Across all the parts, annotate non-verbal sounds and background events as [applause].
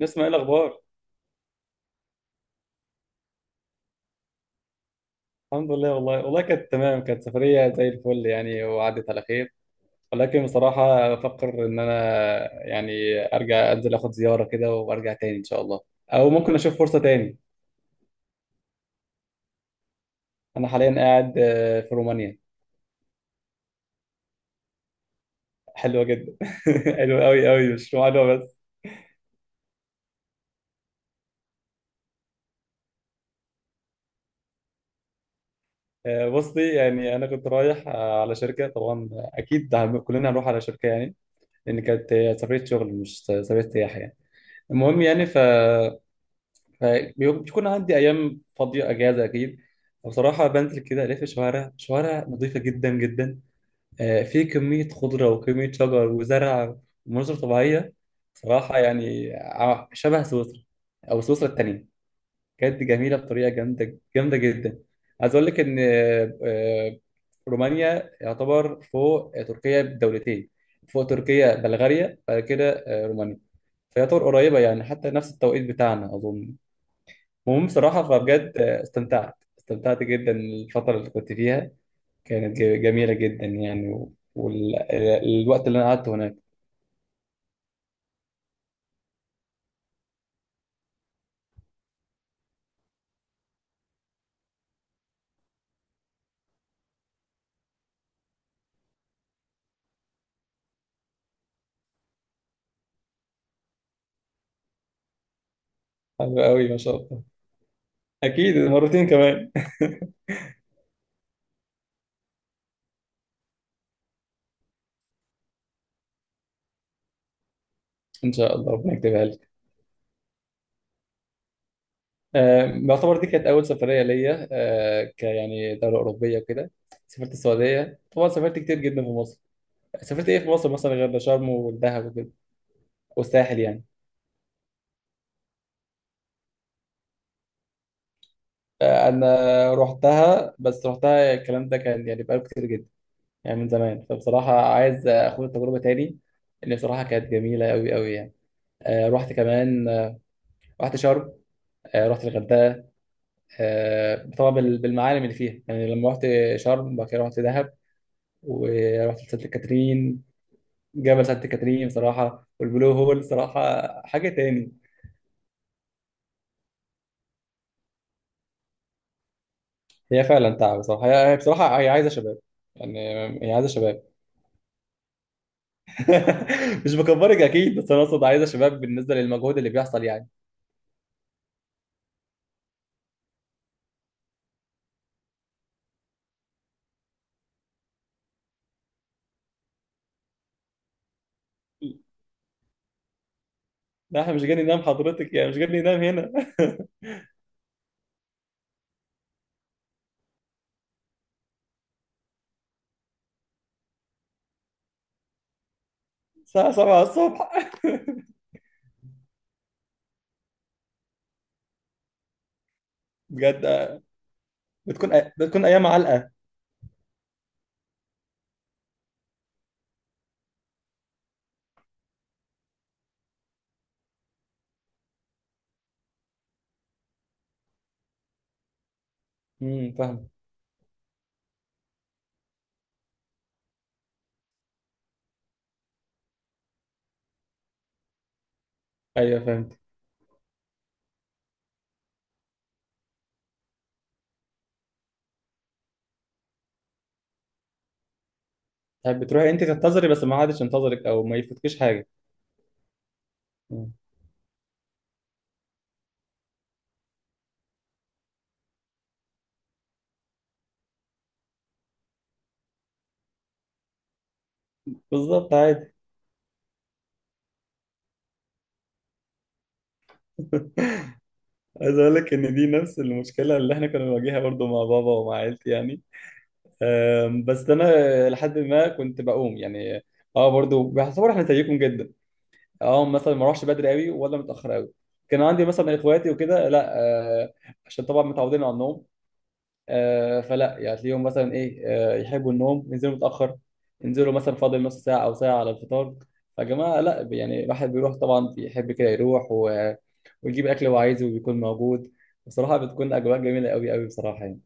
نسمع ايه الاخبار. الحمد لله. والله كانت تمام، كانت سفريه زي الفل يعني، وعدت على خير. ولكن بصراحه بفكر ان انا يعني ارجع انزل اخد زياره كده وارجع تاني ان شاء الله، او ممكن اشوف فرصه تاني. انا حاليا قاعد في رومانيا. حلوه جدا. [laughs] حلوه قوي قوي، مش رومانيا بس. بصي يعني انا كنت رايح على شركه، طبعا اكيد كلنا هنروح على شركه يعني، لان كانت سفريه شغل مش سفريه سياحه يعني. المهم يعني ف بيكون عندي ايام فاضيه اجازه اكيد. بصراحه بنزل كده الف الشوارع، شوارع نظيفه جدا جدا. في كميه خضره وكميه شجر وزرع ومناظر طبيعيه. صراحه يعني شبه سويسرا او سويسرا التانيه. بجد جميله بطريقه جامده، جامده جدا. عايز اقول لك ان رومانيا يعتبر فوق تركيا بدولتين، فوق تركيا بلغاريا، بعد كده رومانيا. فيعتبر قريبه يعني، حتى نفس التوقيت بتاعنا اظن. المهم بصراحة فبجد استمتعت جدا الفترة اللي كنت فيها، كانت جميلة جدا يعني، والوقت اللي أنا قعدته هناك حلو قوي ما شاء الله. أكيد مرتين كمان. [laughs] إن شاء الله ربنا يكتبها لي. يعتبر دي كانت أول سفرية ليا آه، ك يعني دولة أوروبية وكده. سافرت السعودية طبعا، سافرت كتير جدا في مصر. سافرت إيه في مصر مثلا غير شرم والدهب وكده والساحل يعني. أنا رحتها، بس رحتها الكلام ده كان يعني بقاله كتير جدا، يعني من زمان. فبصراحة عايز أخد التجربة تاني، اللي بصراحة كانت جميلة أوي أوي يعني. آه رحت كمان، آه رحت شرم، آه رحت الغردقة، آه طبعا بالمعالم اللي فيها يعني. لما رحت شرم بعد كده رحت دهب ورحت سانت كاترين، جبل سانت كاترين بصراحة، والبلو هول بصراحة حاجة تاني. هي فعلا تعب بصراحة، هي بصراحة هي عايزة شباب يعني، هي عايزة شباب. [laughs] مش بكبرك أكيد، بس أنا أقصد عايزة شباب بالنسبة للمجهود اللي بيحصل يعني. لا احنا مش جاي ننام حضرتك، يعني مش جاي ننام هنا. [laughs] الساعة 7 الصبح. [laughs] بجد. بتكون بتكون أيام علقة. امم، فاهم. أيوه فهمت. طيب بتروحي أنت تنتظري بس ما حدش ينتظرك، أو ما يفوتكش حاجة. مم. بالظبط عادي. [laughs] عايز أقول لك إن دي نفس المشكلة اللي إحنا كنا بنواجهها برضو مع بابا ومع عيلتي يعني. بس أنا لحد ما كنت بقوم يعني أه برضو بحسب، إحنا زيكم جدا. أه، مثلا ما أروحش بدري قوي ولا متأخر قوي. كان عندي مثلا إخواتي وكده لا، أه، عشان طبعا متعودين على النوم. فلا يعني تلاقيهم مثلا ايه، يحبوا النوم ينزلوا متاخر، ينزلوا مثلا فاضل نص ساعه او ساعه على الفطار. فجماعه لا يعني، الواحد بيروح طبعا، بيحب كده يروح ويجيب اكل هو عايزه وبيكون موجود. بصراحه بتكون اجواء جميله قوي قوي بصراحه يعني.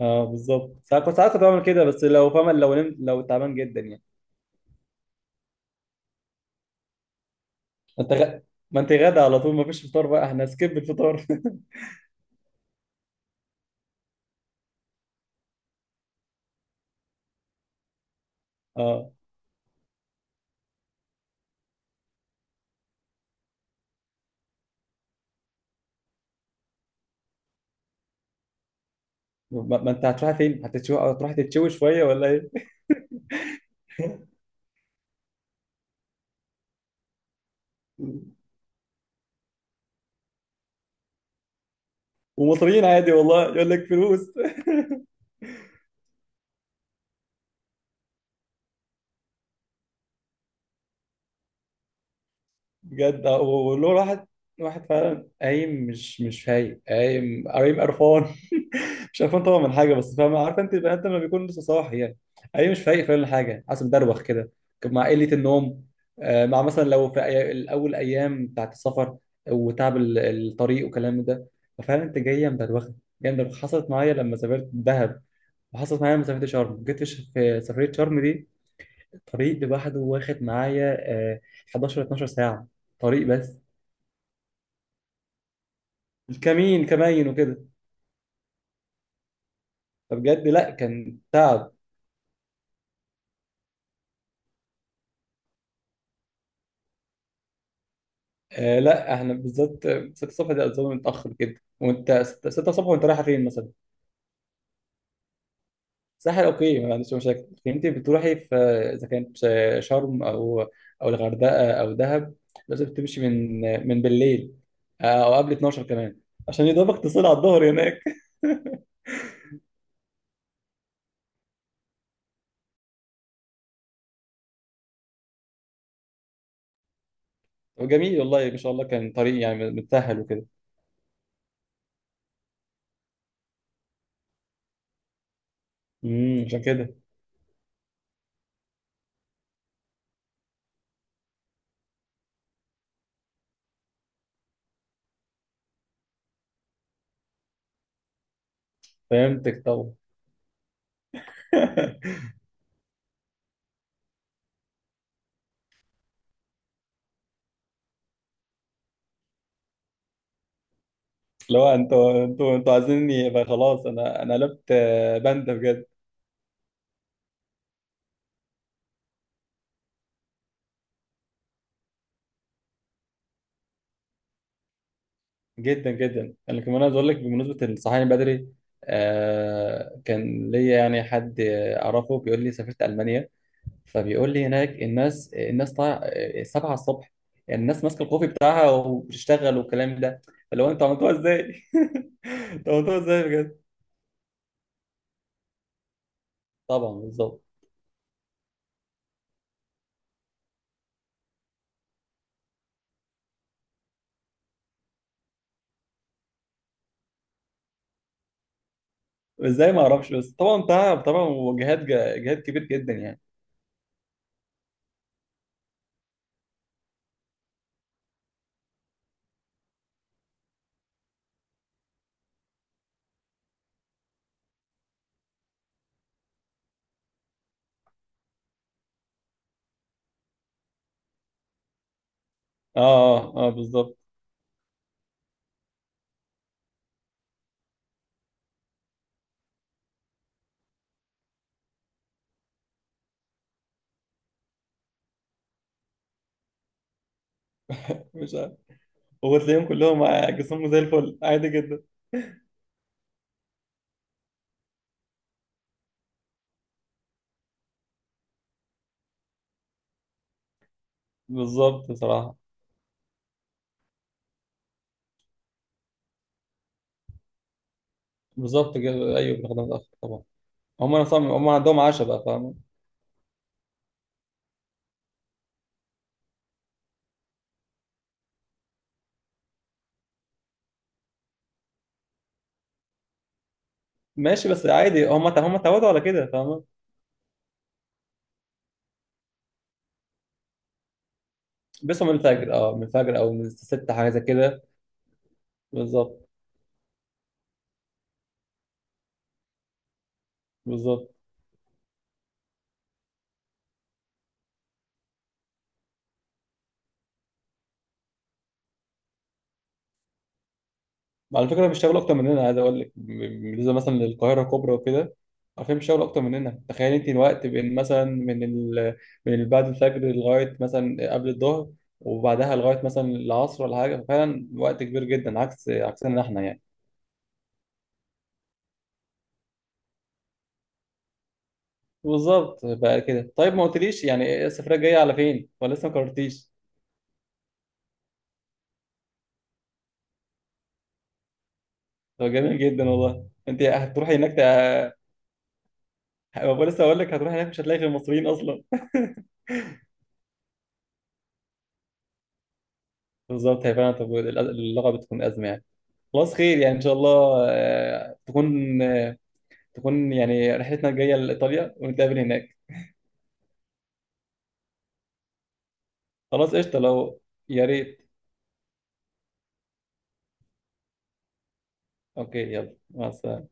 اه بالظبط، ساعات كنت بعمل كده، بس لو فاهم، لو نمت، لو تعبان جدا يعني. انت غ... ما انت غدا على طول، ما فيش فطار بقى، احنا سكيب الفطار. [laughs] اه. ما انت هتروح فين، هتتشوي؟ هتروح تتشوي شويه ولا ايه؟ [laughs] ومصريين عادي، والله يقول لك فلوس. [laughs] بجد وله واحد، واحد فعلا قايم مش فايق، قايم قرفان. [laughs] مش قرفان طبعا من حاجه، بس فاهم، عارف انت البني ادم لما بيكون لسه صاحي يعني، قايم مش فايق فعلا حاجه، حاسس مدروخ كده، مع قله النوم. مع مثلا لو في الاول ايام بتاعت السفر وتعب الطريق وكلام ده. ففعلا انت جايه مدروخه، جايه مدروخه. حصلت معايا لما سافرت دهب، وحصلت معايا لما سافرت شرم. جيت في سفريه شرم دي الطريق لوحده واخد معايا آه، 11 12 ساعه، طريق بس. الكمين كمين وكده. فبجد لا كان تعب. آه لا احنا بالذات 6 الصبح دي اظن متاخر جدا. وانت 6 الصبح وانت رايحه فين مثلا؟ ساحل، اوكي ما عنديش مشاكل، لكن انت بتروحي في، اذا كانت شرم او او الغردقه او دهب، لازم تمشي من بالليل، او قبل 12 كمان، عشان يضربك تصل على الظهر هناك. [laughs] وجميل والله ما شاء الله، كان طريق يعني متسهل وكده. امم، عشان كده. فهمتك طبعا. [laughs] اللي هو انتوا عايزيني يبقى خلاص، انا قلبت باندا بجد. جدا جدا. انا كمان عايز اقول لك بمناسبه الصحيان بدري، آه كان ليا يعني حد اعرفه بيقول لي سافرت المانيا، فبيقول لي هناك الناس طالعه 7 الصبح، يعني الناس ماسكه الكوفي بتاعها وبتشتغل والكلام ده. اللي هو انتوا عملتوها ازاي؟ [laughs] انتوا عملتوها ازاي بجد؟ طبعا بالظبط. ازاي ما اعرفش، بس طبعا تعب طبعا، وجهاد، جهاد كبير جدا يعني. اه, آه بالظبط. مش وتلاقيهم كلهم جسمهم زي الفل عادي جدا. بالظبط بصراحة، بالظبط كده أيوه، بنخدم متأخر طبعا. هم عندهم عشاء بقى فاهم. ماشي، بس عادي هم اتعودوا على كده فاهم. بيصحوا من الفجر، اه من الفجر أو من الستة حاجة زي كده. بالظبط. بالظبط. على فكرة بيشتغلوا أكتر مننا، عايز أقول لك بالنسبة مثلا للقاهرة الكبرى وكده، عارفين بيشتغلوا أكتر مننا. تخيل أنت الوقت بين مثلا من بعد الفجر لغاية مثلا قبل الظهر، وبعدها لغاية مثلا العصر ولا حاجة. ففعلا وقت كبير جدا عكس عكسنا إحنا يعني. بالظبط بقى كده. طيب ما قلتليش يعني إيه السفرية الجاية على فين، ولا لسه ما قررتيش؟ طب جميل جدا والله، أنت هتروحي هناك لسه أقول لك، هتروحي هناك مش هتلاقي غير المصريين أصلا. [laughs] بالظبط هي فعلا. طب اللغة بتكون أزمة يعني. خلاص خير يعني، ان شاء الله تكون يعني رحلتنا الجايه لايطاليا ونتقابل هناك. خلاص قشطه، لو يا ريت. اوكي يلا مع السلامه.